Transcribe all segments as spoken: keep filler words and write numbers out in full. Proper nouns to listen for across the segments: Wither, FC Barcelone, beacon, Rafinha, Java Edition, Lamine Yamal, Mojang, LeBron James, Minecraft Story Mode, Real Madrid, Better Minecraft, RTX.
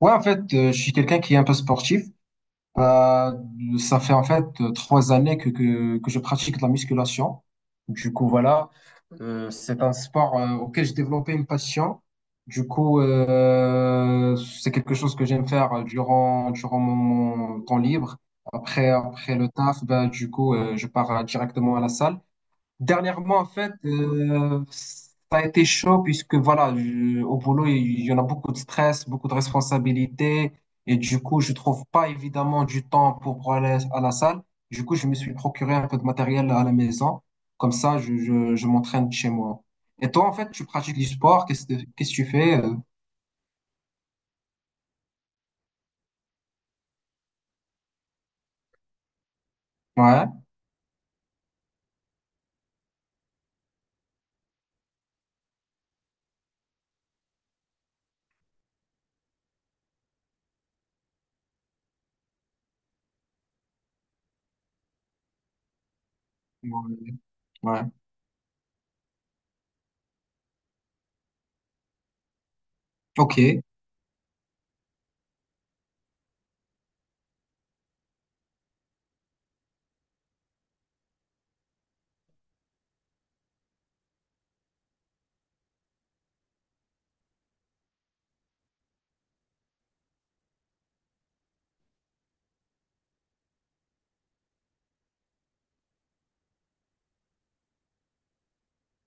Ouais, en fait, euh, je suis quelqu'un qui est un peu sportif. Euh, Ça fait en fait euh, trois années que, que, que je pratique de la musculation. Du coup, voilà. Euh, c'est un sport euh, auquel j'ai développé une passion. Du coup, euh, c'est quelque chose que j'aime faire euh, durant, durant mon, mon temps libre. Après, après le taf, ben, du coup, euh, je pars euh, directement à la salle. Dernièrement, en fait, euh, ça a été chaud puisque voilà, je- au boulot, il y en a beaucoup de stress, beaucoup de responsabilités, et du coup, je trouve pas évidemment du temps pour, pour aller à la salle. Du coup, je me suis procuré un peu de matériel à la maison. Comme ça, je, je, je m'entraîne chez moi. Et toi, en fait, tu pratiques du sport, qu'est-ce que qu'est-ce que tu fais? euh Ouais, ouais, ouais. Ok.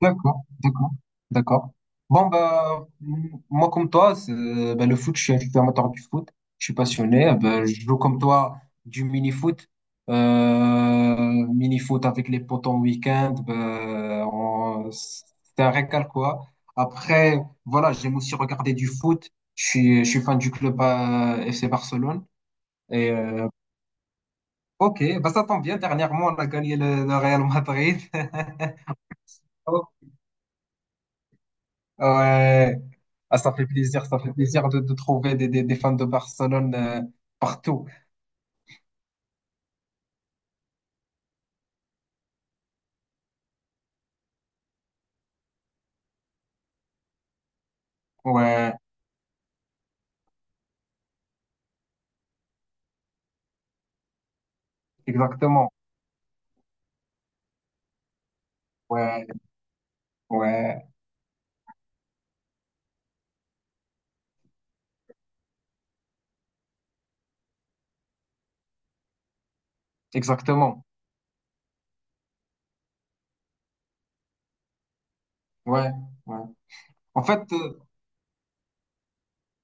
D'accord, d'accord, d'accord. Bon, bah, m- moi, comme toi, c'est- bah, le foot, je suis, je suis amateur du foot, je suis passionné. Bah, je joue comme toi du mini-foot. Euh, mini-foot avec les potes en week-end, bah, on- c'est un régal, quoi. Après, voilà, j'aime aussi regarder du foot. Je suis, je suis fan du club euh, F C Barcelone. Et euh, ok, bah, ça tombe bien. Dernièrement, on a gagné le, le Real Madrid. Ouais. Ah, ça fait plaisir, ça fait plaisir de, de trouver des, des, des fans de Barcelone euh, partout. Ouais, exactement. Ouais, ouais, Exactement. Ouais, ouais. En fait, euh,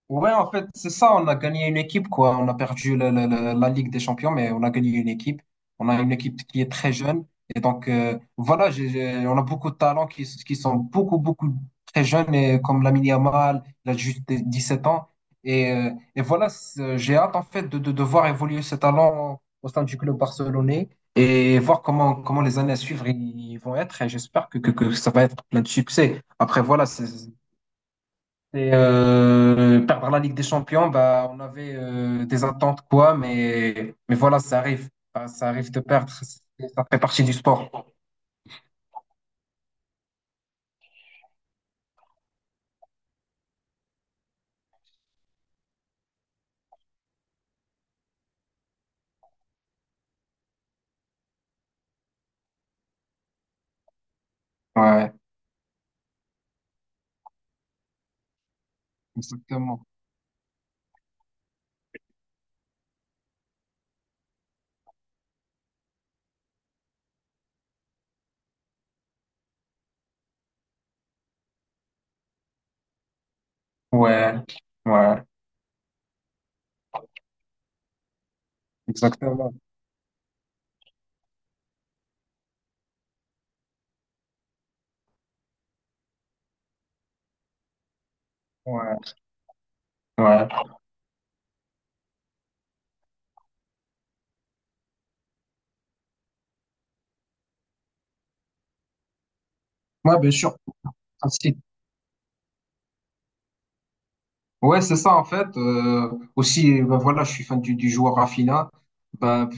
ouais, en fait, c'est ça. On a gagné une équipe, quoi. On a perdu le- le- le- la Ligue des Champions, mais on a gagné une équipe. On a une équipe qui est très jeune. Et donc, euh, voilà, j'ai, j'ai- on a beaucoup de talents qui, s- qui sont beaucoup, beaucoup très jeunes, et comme Lamine Yamal, il a juste sept ans. Et, euh, et voilà, c'est- j'ai hâte, en fait, de, de, de voir évoluer ces talents au sein du club barcelonais et voir comment, comment les années à suivre ils vont être. Et j'espère que, que, que ça va être plein de succès. Après, voilà, c'est et euh, par par la Ligue des Champions, bah, on avait euh, des attentes, quoi, mais, mais voilà, ça arrive. Bah, ça arrive de perdre. c'est- Ça fait partie du sport. Ouais, exactement. Ouais, ouais, Exactement. Ouais, ouais. Ouais, bien sûr. Aussi. Ouais, c'est ça, en fait. Euh, aussi, ben voilà, je suis fan du, du joueur Rafinha. Bah,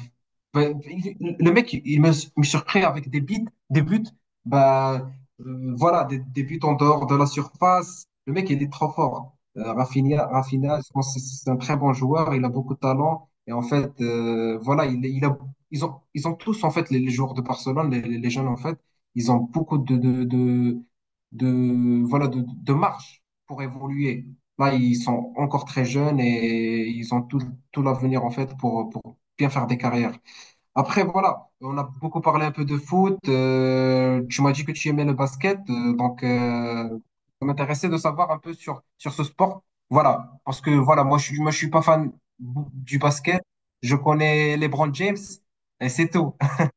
bah, il- le mec, il me, me surprend avec des buts, des buts, bah, euh, voilà, des, des buts en dehors de la surface. Le mec, il est trop fort. Hein. Euh, Rafinha, Rafinha, je pense que c'est un très bon joueur, il a beaucoup de talent. Et en fait, euh, voilà, il, il a, ils ont, ils ont tous, en fait, les, les joueurs de Barcelone, les, les les jeunes, en fait, ils ont beaucoup de, de, de, de, voilà, de, de marge pour évoluer. Là, ils sont encore très jeunes et ils ont tout, tout l'avenir, en fait, pour, pour bien faire des carrières. Après, voilà, on a beaucoup parlé un peu de foot. Euh, tu m'as dit que tu aimais le basket, euh, donc euh, ça m'intéressait de savoir un peu sur, sur ce sport. Voilà, parce que voilà, moi je suis, moi, je suis pas fan bou- du basket. Je connais LeBron James et c'est tout.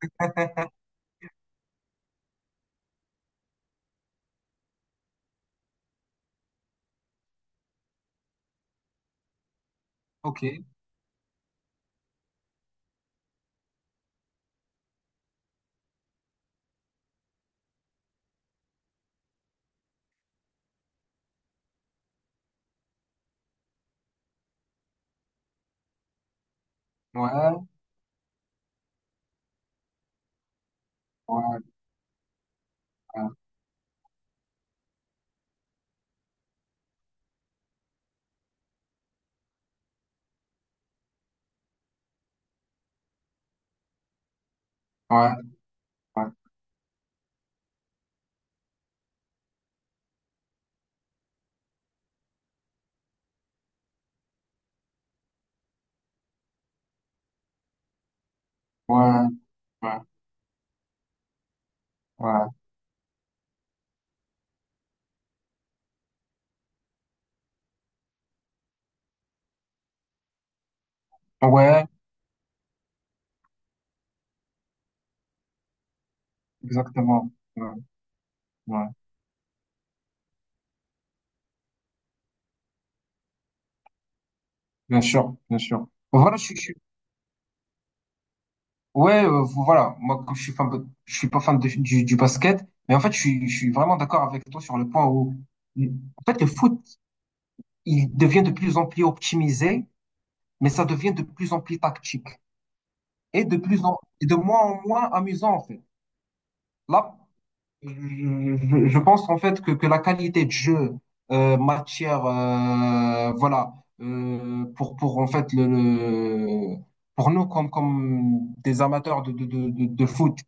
Ok, ouais, ouais, ouais, ouais, ouais, ouais, ouais, ouais, ouais, exactement. Ouais, ouais, bien sûr, bien sûr. Voilà, je, suis- ouais, euh, voilà. Moi, comme je suis fan, de- je suis pas fan de- du, du basket, mais en fait, je suis, je suis vraiment d'accord avec toi sur le point où, en fait, le foot, il devient de plus en plus optimisé, mais ça devient de plus en plus tactique et de plus en, et de moins en moins amusant, en fait. Là, je, je- je pense en fait que, que la qualité de jeu, euh, matière, euh, voilà, euh, pour pour en fait le, le- pour nous comme comme des amateurs de de de, de de foot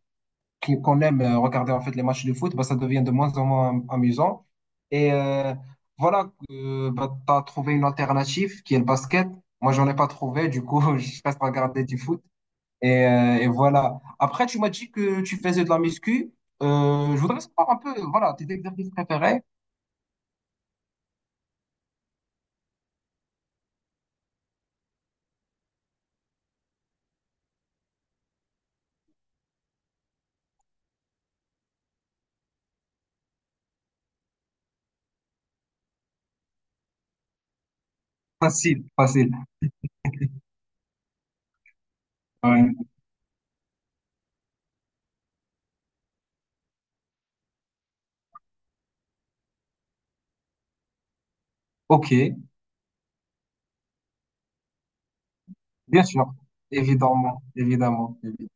qui- qu'on aime euh, regarder en fait les matchs de foot, bah, ça devient de moins en moins am- amusant. Et euh, voilà, euh, bah, tu as trouvé une alternative qui est le basket. Moi, j'en ai pas trouvé, du coup, je reste à regarder du foot. Et, euh, et voilà. Après, tu m'as dit que tu faisais de la muscu. Euh, je voudrais savoir un peu, voilà, tes exercices préférés. Facile, facile. Ouais. Ok, bien sûr. Évidemment, évidemment. évi-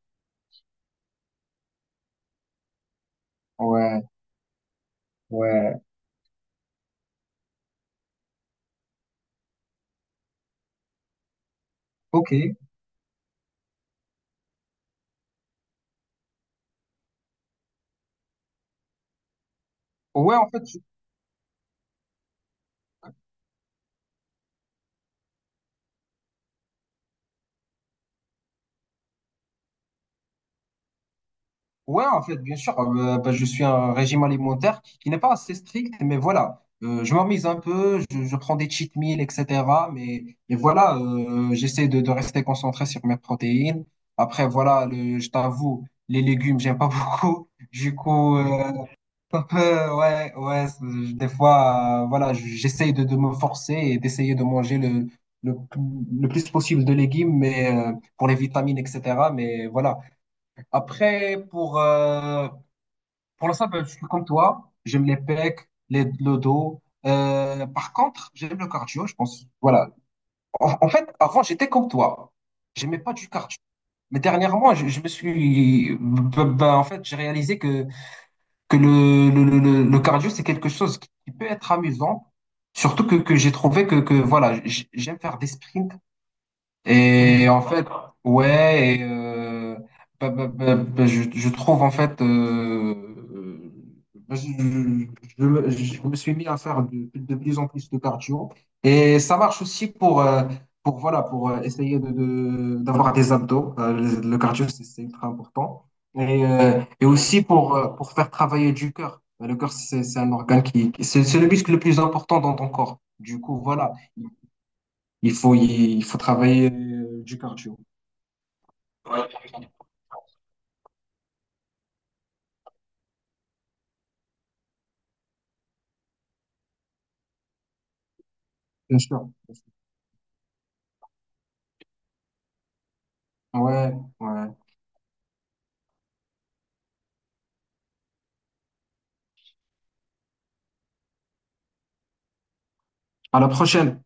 Ouais, ouais. Ok. Ouais, en fait, ouais, en fait, bien sûr, euh, bah, je suis un régime alimentaire qui, qui n'est pas assez strict, mais voilà, euh, je m'amise un peu, je, je prends des cheat meals, et cetera. Mais, mais voilà, euh, j'essaie de, de rester concentré sur mes protéines. Après, voilà, le, je t'avoue, les légumes, j'aime pas beaucoup. Du coup, euh, un peu, ouais, ouais, c'est- des fois, euh, voilà, j- j'essaie de, de me forcer et d'essayer de manger le, le, le plus possible de légumes, mais euh, pour les vitamines, et cetera. Mais voilà. Après, pour, euh, pour l'instant, ben, je suis comme toi. J'aime les pecs, les, le dos. Euh, par contre, j'aime le cardio, je pense. Voilà. En, en fait, avant, j'étais comme toi. J'aimais pas du cardio. Mais dernièrement, je, je me suis. ben, ben, en fait, j'ai réalisé que, que le, le, le, le- le cardio, c'est quelque chose qui, qui peut être amusant. Surtout que, que j'ai trouvé que, que voilà, j- j'aime faire des sprints et en fait, ouais, et, euh, bah, bah, bah, bah, je, je trouve en fait, euh, euh, bah, je, je- me je me suis mis à faire de, de plus en plus de cardio. Et ça marche aussi pour, euh, pour, voilà, pour euh, essayer de, de- d'avoir des abdos. Euh, le, le cardio, c'est c'est ultra important. Et, euh, et aussi pour, euh, pour faire travailler du cœur. Le cœur, c'est c'est un organe qui, qui- c'est c'est le muscle le plus important dans ton corps. Du coup, voilà il faut, y- il faut travailler euh, du cardio. Ouais. Bien sûr. bien sûr. Ouais, ouais. À la prochaine.